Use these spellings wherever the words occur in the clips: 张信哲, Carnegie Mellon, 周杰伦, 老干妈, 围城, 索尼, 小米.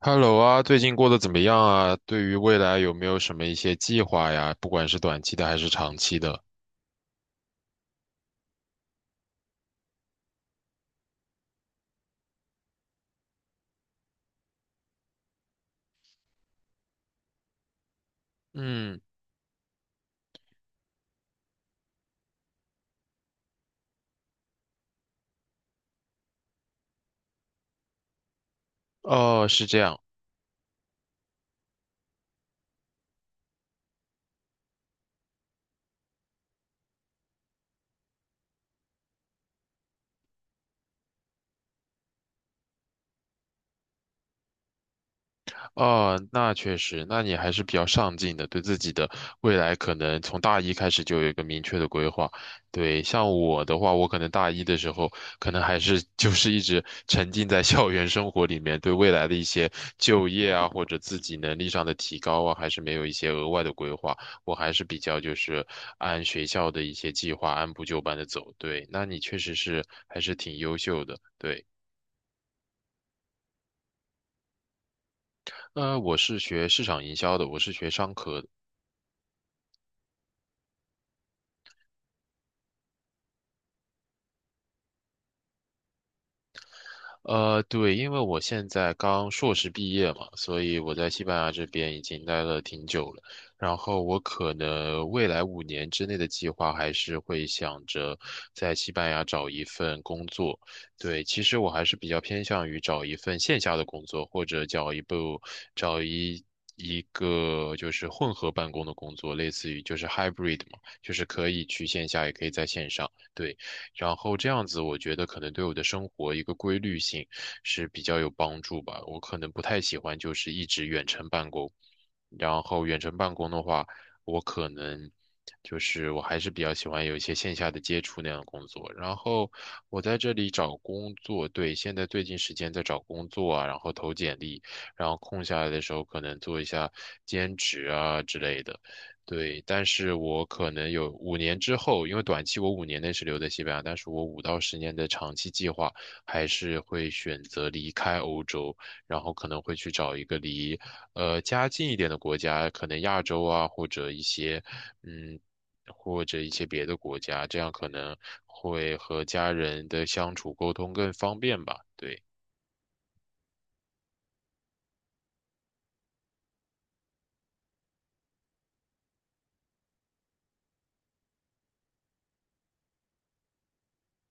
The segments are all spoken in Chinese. Hello 啊，最近过得怎么样啊？对于未来有没有什么一些计划呀？不管是短期的还是长期的。嗯。哦，是这样。哦，那确实，那你还是比较上进的，对自己的未来可能从大一开始就有一个明确的规划。对，像我的话，我可能大一的时候，可能还是 就是一直沉浸在校园生活里面，对未来的一些就业啊，或者自己能力上的提高啊，还是没有一些额外的规划。我还是比较就是按学校的一些计划按部就班的走。对，那你确实是还是挺优秀的。对，那我是学市场营销的，我是学商科的。对，因为我现在刚硕士毕业嘛，所以我在西班牙这边已经待了挺久了。然后我可能未来五年之内的计划还是会想着在西班牙找一份工作。对，其实我还是比较偏向于找一份线下的工作，或者找一部找一。一个就是混合办公的工作，类似于就是 hybrid 嘛，就是可以去线下，也可以在线上。对。然后这样子，我觉得可能对我的生活一个规律性是比较有帮助吧。我可能不太喜欢就是一直远程办公。然后远程办公的话，我可能就是我还是比较喜欢有一些线下的接触那样的工作。然后我在这里找工作，对，现在最近时间在找工作啊，然后投简历，然后空下来的时候可能做一下兼职啊之类的。对，但是我可能有五年之后，因为短期我五年内是留在西班牙，但是我五到十年的长期计划还是会选择离开欧洲，然后可能会去找一个离家近一点的国家，可能亚洲啊，或者一些嗯，或者一些别的国家，这样可能会和家人的相处沟通更方便吧。对。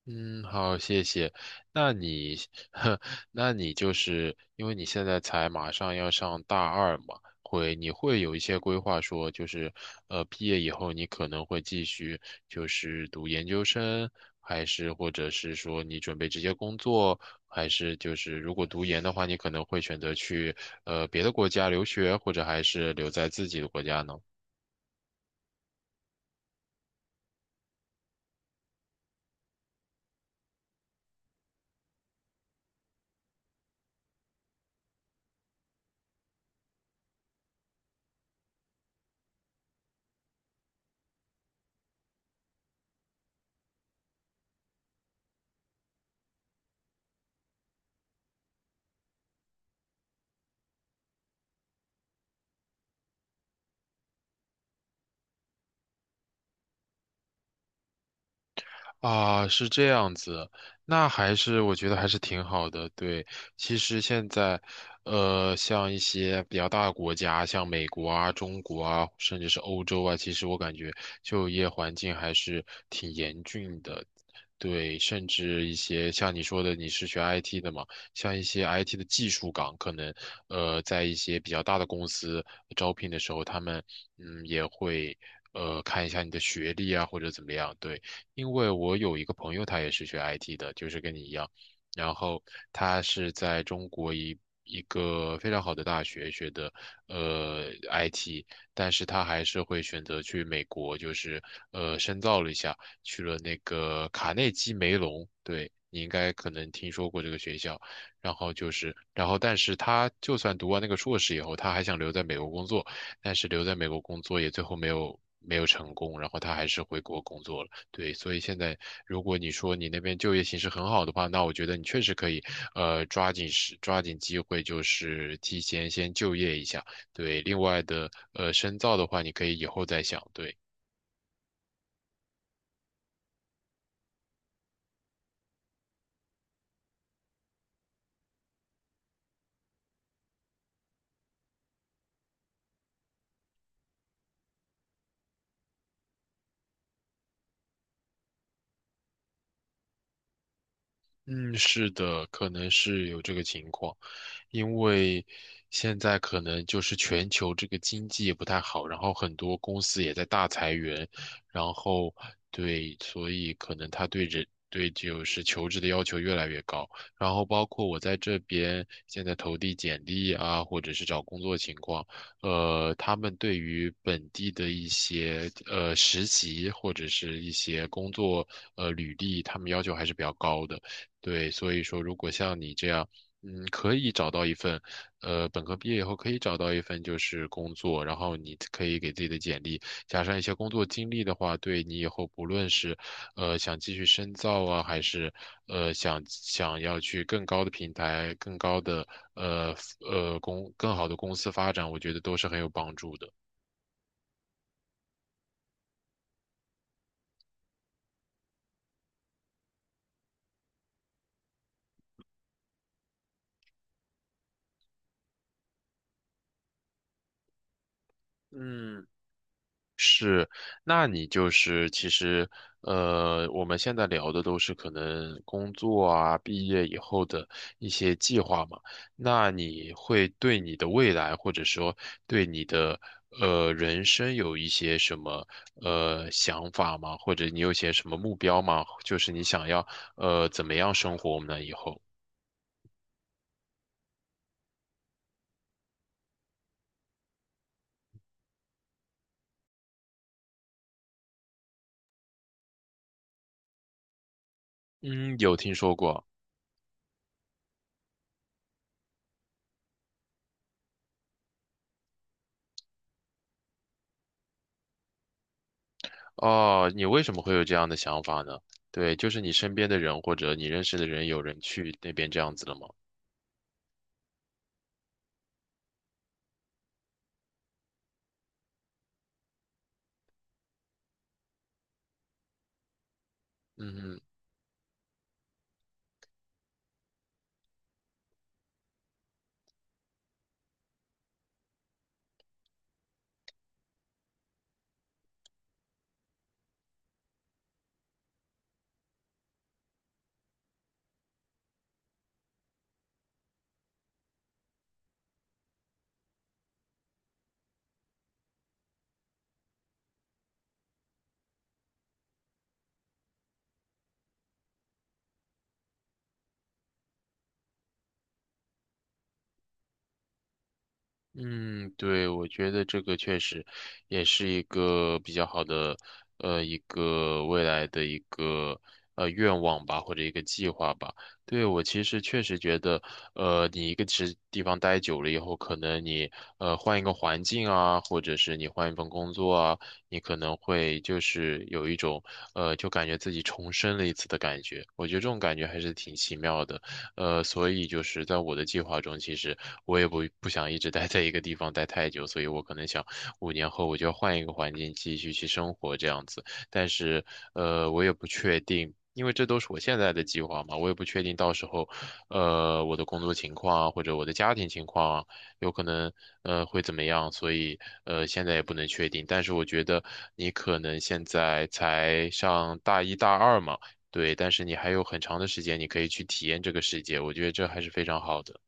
嗯，好，谢谢。那你，呵，那你就是因为你现在才马上要上大二嘛，会你会有一些规划说，就是毕业以后你可能会继续就是读研究生，还是或者是说你准备直接工作，还是就是如果读研的话，你可能会选择去别的国家留学，或者还是留在自己的国家呢？啊，是这样子，那还是我觉得还是挺好的。对，其实现在，像一些比较大的国家，像美国啊、中国啊，甚至是欧洲啊，其实我感觉就业环境还是挺严峻的。对，甚至一些像你说的，你是学 IT 的嘛，像一些 IT 的技术岗，可能在一些比较大的公司招聘的时候，他们嗯也会看一下你的学历啊，或者怎么样。对。因为我有一个朋友，他也是学 IT 的，就是跟你一样，然后他是在中国一个非常好的大学学的IT，但是他还是会选择去美国，就是深造了一下，去了那个卡内基梅隆，对。你应该可能听说过这个学校，然后就是，然后但是他就算读完那个硕士以后，他还想留在美国工作，但是留在美国工作也最后没有成功，然后他还是回国工作了。对，所以现在如果你说你那边就业形势很好的话，那我觉得你确实可以，抓紧机会，就是提前先就业一下。对，另外的深造的话，你可以以后再想。对，嗯，是的，可能是有这个情况。因为现在可能就是全球这个经济也不太好，然后很多公司也在大裁员，然后对，所以可能他对人对就是求职的要求越来越高，然后包括我在这边现在投递简历啊，或者是找工作情况，他们对于本地的一些实习或者是一些工作履历，他们要求还是比较高的。对，所以说，如果像你这样，嗯，可以找到一份，本科毕业以后可以找到一份就是工作，然后你可以给自己的简历加上一些工作经历的话，对你以后不论是，想继续深造啊，还是想要去更高的平台、更高的呃呃公更好的公司发展，我觉得都是很有帮助的。嗯。是，那你就是其实，我们现在聊的都是可能工作啊、毕业以后的一些计划嘛。那你会对你的未来，或者说对你的人生有一些什么想法吗？或者你有些什么目标吗？就是你想要怎么样生活我呢？以后，嗯，有听说过。哦，你为什么会有这样的想法呢？对，就是你身边的人或者你认识的人有人去那边这样子了吗？嗯嗯，对，我觉得这个确实也是一个比较好的，一个未来的一个愿望吧，或者一个计划吧。对，我其实确实觉得，你一个其实地方待久了以后，可能你换一个环境啊，或者是你换一份工作啊，你可能会就是有一种就感觉自己重生了一次的感觉。我觉得这种感觉还是挺奇妙的。所以就是在我的计划中，其实我也不想一直待在一个地方待太久，所以我可能想五年后我就要换一个环境继续去生活这样子。但是，我也不确定，因为这都是我现在的计划嘛，我也不确定到时候，我的工作情况啊，或者我的家庭情况啊，有可能会怎么样，所以现在也不能确定。但是我觉得你可能现在才上大一大二嘛。对，但是你还有很长的时间，你可以去体验这个世界，我觉得这还是非常好的。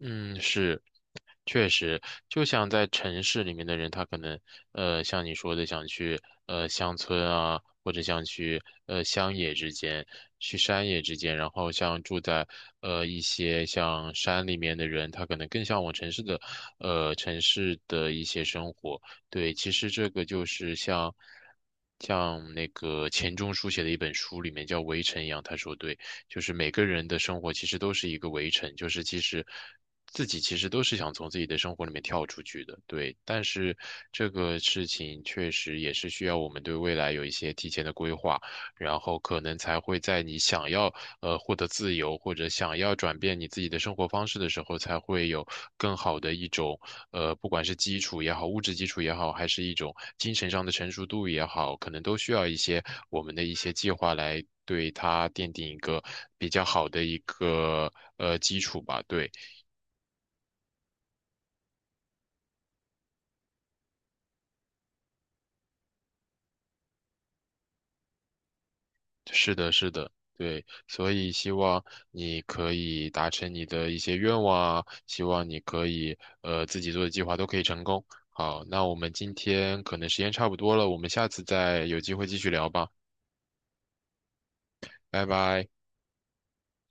嗯，是。确实，就像在城市里面的人，他可能，像你说的，想去乡村啊，或者想去乡野之间，去山野之间，然后像住在一些像山里面的人，他可能更向往城市的，城市的一些生活。对，其实这个就是像那个钱钟书写的一本书里面叫《围城》一样，他说对。就是每个人的生活其实都是一个围城，就是其实自己其实都是想从自己的生活里面跳出去的，对。但是这个事情确实也是需要我们对未来有一些提前的规划。然后可能才会在你想要获得自由或者想要转变你自己的生活方式的时候，才会有更好的一种不管是基础也好，物质基础也好，还是一种精神上的成熟度也好，可能都需要一些我们的一些计划来对它奠定一个比较好的一个基础吧，对。是的，是的，对，所以希望你可以达成你的一些愿望啊，希望你可以自己做的计划都可以成功。好，那我们今天可能时间差不多了，我们下次再有机会继续聊吧，拜拜。